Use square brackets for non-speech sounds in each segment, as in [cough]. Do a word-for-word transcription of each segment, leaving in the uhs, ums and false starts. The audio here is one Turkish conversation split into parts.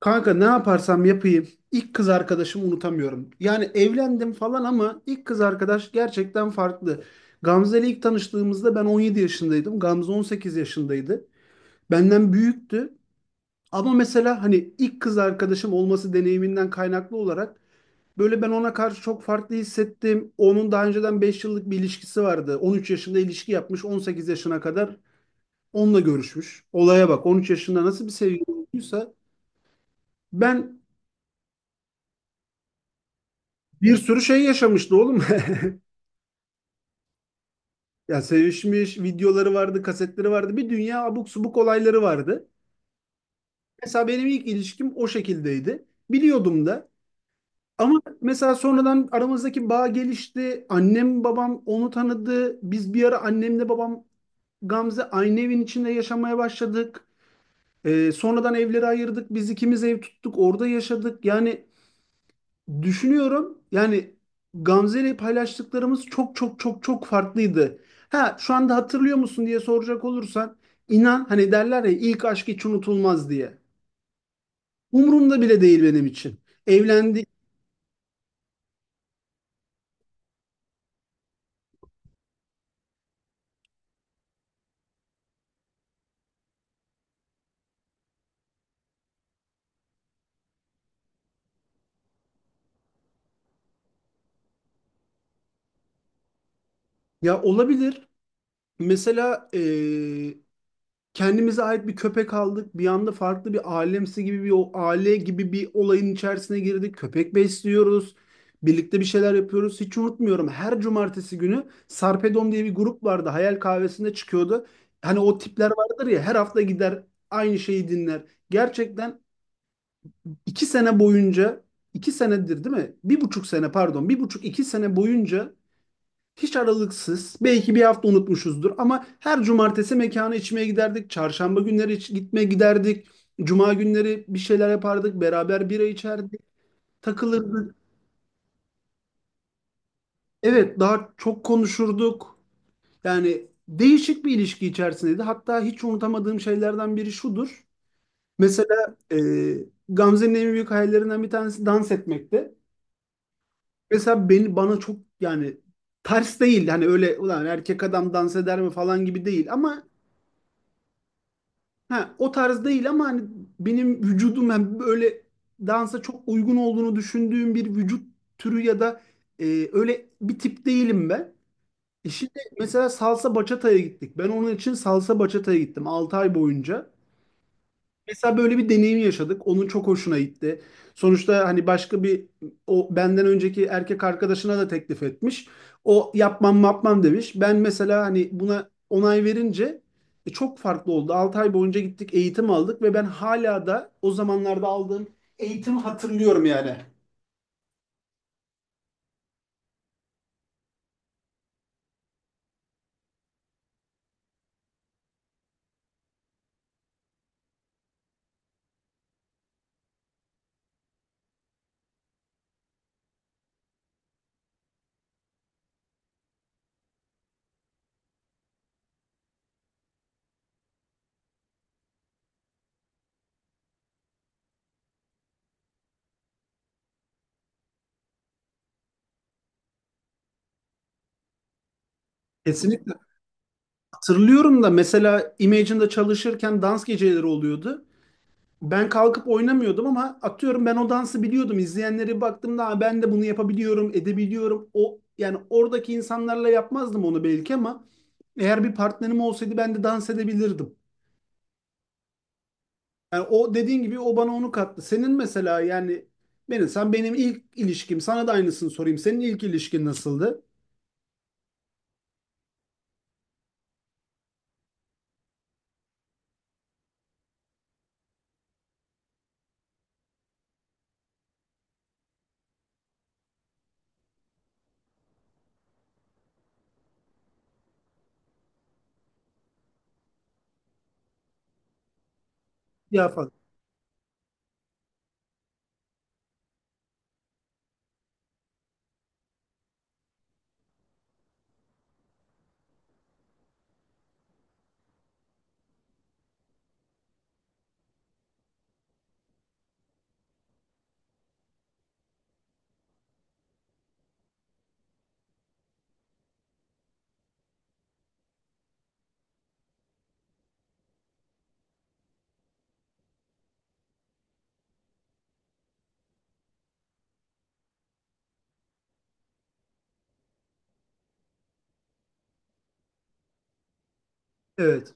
Kanka, ne yaparsam yapayım ilk kız arkadaşımı unutamıyorum. Yani, evlendim falan ama ilk kız arkadaş gerçekten farklı. Gamze ile ilk tanıştığımızda ben on yedi yaşındaydım. Gamze on sekiz yaşındaydı. Benden büyüktü. Ama mesela hani ilk kız arkadaşım olması deneyiminden kaynaklı olarak böyle ben ona karşı çok farklı hissettim. Onun daha önceden beş yıllık bir ilişkisi vardı. on üç yaşında ilişki yapmış, on sekiz yaşına kadar onunla görüşmüş. Olaya bak, on üç yaşında nasıl bir sevgi olduysa ben bir sürü şey yaşamıştı oğlum. [laughs] Ya, sevişmiş videoları vardı, kasetleri vardı. Bir dünya abuk subuk olayları vardı. Mesela benim ilk ilişkim o şekildeydi. Biliyordum da. Ama mesela sonradan aramızdaki bağ gelişti. Annem babam onu tanıdı. Biz bir ara annemle babam, Gamze aynı evin içinde yaşamaya başladık. Ee, sonradan evleri ayırdık. Biz ikimiz ev tuttuk. Orada yaşadık. Yani düşünüyorum, yani Gamze ile paylaştıklarımız çok çok çok çok farklıydı. Ha, şu anda hatırlıyor musun diye soracak olursan, inan, hani derler ya ilk aşk hiç unutulmaz diye. Umurumda bile değil benim için. Evlendik, ya olabilir. Mesela kendimize ait bir köpek aldık. Bir anda farklı bir alemsi gibi, bir o aile gibi bir olayın içerisine girdik. Köpek besliyoruz. Birlikte bir şeyler yapıyoruz. Hiç unutmuyorum. Her cumartesi günü Sarpedom diye bir grup vardı. Hayal Kahvesi'nde çıkıyordu. Hani o tipler vardır ya, her hafta gider aynı şeyi dinler. Gerçekten iki sene boyunca, iki senedir değil mi? Bir buçuk sene, pardon. Bir buçuk, iki sene boyunca hiç aralıksız. Belki bir hafta unutmuşuzdur ama her cumartesi mekana içmeye giderdik. Çarşamba günleri iç- gitmeye giderdik. Cuma günleri bir şeyler yapardık. Beraber bira içerdik. Takılırdık. Evet, daha çok konuşurduk. Yani değişik bir ilişki içerisindeydi. Hatta hiç unutamadığım şeylerden biri şudur. Mesela, e, Gamze'nin en büyük hayallerinden bir tanesi dans etmekti. Mesela beni, bana çok, yani ters değil. Hani öyle "ulan erkek adam dans eder mi" falan gibi değil ama ha, o tarz değil ama hani benim vücudum, yani böyle dansa çok uygun olduğunu düşündüğüm bir vücut türü ya da, e, öyle bir tip değilim ben. E şimdi mesela salsa bachata'ya gittik. Ben onun için salsa bachata'ya gittim, altı ay boyunca. Mesela böyle bir deneyim yaşadık. Onun çok hoşuna gitti. Sonuçta hani başka bir, o benden önceki erkek arkadaşına da teklif etmiş. O "yapmam yapmam" demiş. Ben mesela hani buna onay verince e, çok farklı oldu. altı ay boyunca gittik, eğitim aldık ve ben hala da o zamanlarda aldığım eğitimi hatırlıyorum yani. Kesinlikle hatırlıyorum da, mesela Imagine'da çalışırken dans geceleri oluyordu. Ben kalkıp oynamıyordum ama atıyorum, ben o dansı biliyordum. İzleyenlere baktığımda, "Aa, ben de bunu yapabiliyorum, edebiliyorum." O, yani oradaki insanlarla yapmazdım onu belki ama eğer bir partnerim olsaydı ben de dans edebilirdim. Yani o dediğin gibi, o bana onu kattı. Senin mesela, yani benim sen benim ilk ilişkim, sana da aynısını sorayım. Senin ilk ilişkin nasıldı? Ya falan. Evet.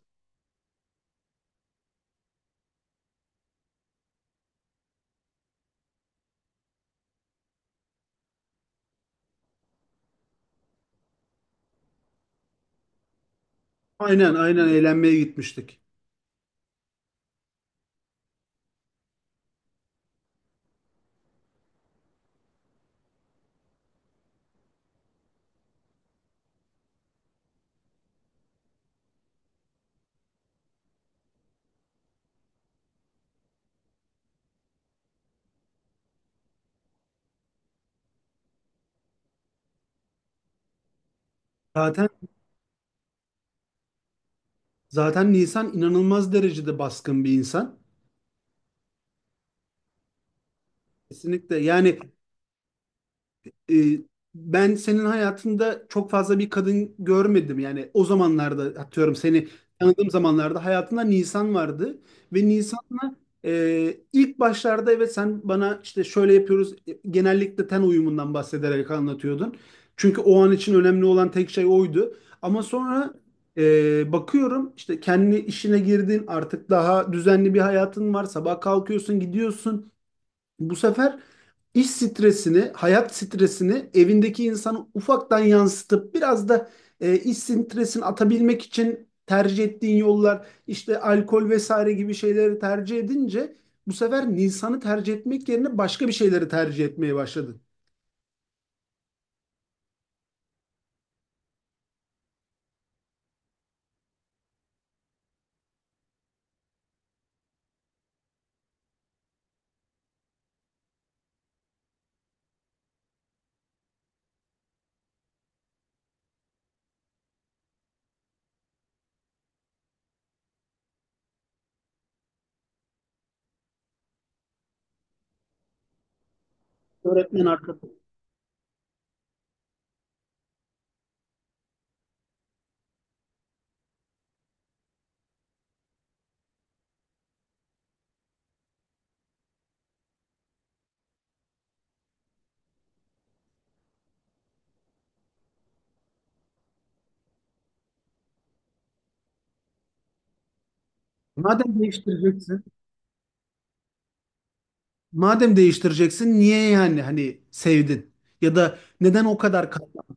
Aynen, aynen, eğlenmeye gitmiştik. Zaten Zaten Nisan inanılmaz derecede baskın bir insan. Kesinlikle yani. e, Ben senin hayatında çok fazla bir kadın görmedim. Yani o zamanlarda, atıyorum seni tanıdığım zamanlarda, hayatında Nisan vardı ve Nisan'la, e, ilk başlarda, evet, sen bana işte "şöyle yapıyoruz" e, genellikle ten uyumundan bahsederek anlatıyordun. Çünkü o an için önemli olan tek şey oydu. Ama sonra, e, bakıyorum işte kendi işine girdin, artık daha düzenli bir hayatın var. Sabah kalkıyorsun, gidiyorsun. Bu sefer iş stresini, hayat stresini evindeki insana ufaktan yansıtıp biraz da e, iş stresini atabilmek için tercih ettiğin yollar, işte alkol vesaire gibi şeyleri tercih edince bu sefer Nisan'ı tercih etmek yerine başka bir şeyleri tercih etmeye başladın. Öğretmen arkadaş. Madem değiştireceksin, madem değiştireceksin, niye yani hani sevdin? Ya da neden o kadar kaldın?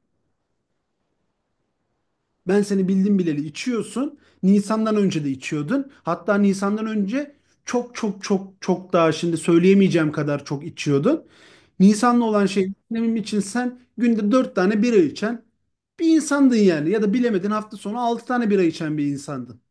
Ben seni bildim bileli içiyorsun. Nisan'dan önce de içiyordun. Hatta Nisan'dan önce çok çok çok çok daha, şimdi söyleyemeyeceğim kadar çok içiyordun. Nisan'la olan şey benim için, sen günde dört tane bira içen bir insandın yani. Ya da bilemedin hafta sonu altı tane bira içen bir insandın.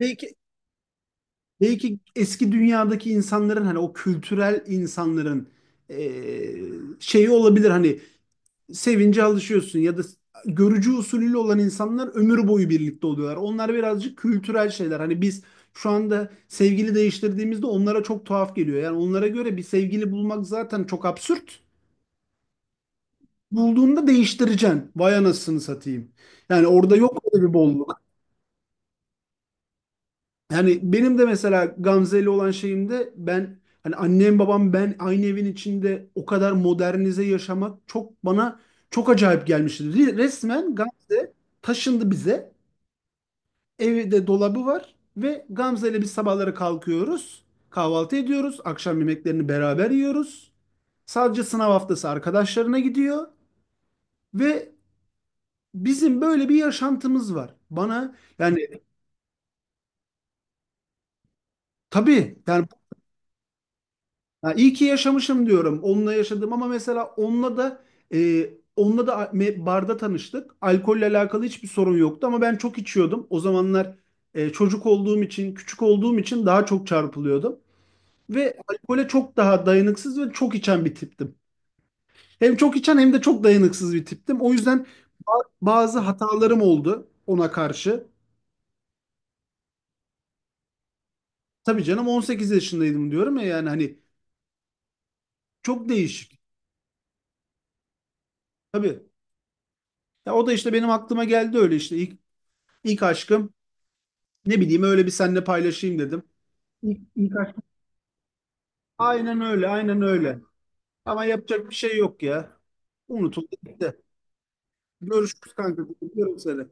Belki belki eski dünyadaki insanların, hani o kültürel insanların eee, şeyi olabilir hani, sevince alışıyorsun, ya da görücü usulüyle olan insanlar ömür boyu birlikte oluyorlar. Onlar birazcık kültürel şeyler. Hani biz şu anda sevgili değiştirdiğimizde onlara çok tuhaf geliyor. Yani onlara göre bir sevgili bulmak zaten çok absürt. Bulduğunda değiştireceksin. Vay anasını satayım. Yani orada yok öyle bir bolluk. Yani benim de mesela Gamze ile olan şeyimde, ben hani annem babam ben aynı evin içinde o kadar modernize yaşamak çok bana çok acayip gelmişti. Resmen Gamze taşındı bize. Evde dolabı var ve Gamze ile biz sabahları kalkıyoruz. Kahvaltı ediyoruz. Akşam yemeklerini beraber yiyoruz. Sadece sınav haftası arkadaşlarına gidiyor ve bizim böyle bir yaşantımız var. Bana yani, tabii yani, ya iyi ki yaşamışım diyorum. Onunla yaşadım ama mesela onunla da, e, onunla da me- barda tanıştık. Alkolle alakalı hiçbir sorun yoktu ama ben çok içiyordum. O zamanlar e, çocuk olduğum için, küçük olduğum için daha çok çarpılıyordum. Ve alkole çok daha dayanıksız ve çok içen bir tiptim. Hem çok içen, hem de çok dayanıksız bir tiptim. O yüzden ba- bazı hatalarım oldu ona karşı. Tabii canım, on sekiz yaşındaydım, diyorum ya yani hani çok değişik. Tabii. Ya, o da işte benim aklıma geldi, öyle işte ilk, ilk aşkım, ne bileyim, öyle bir seninle paylaşayım dedim. İlk, ilk aşkım. Aynen öyle, aynen öyle. Ama yapacak bir şey yok ya. Unutuldu gitti. Görüşürüz kanka. Görüşürüz seni.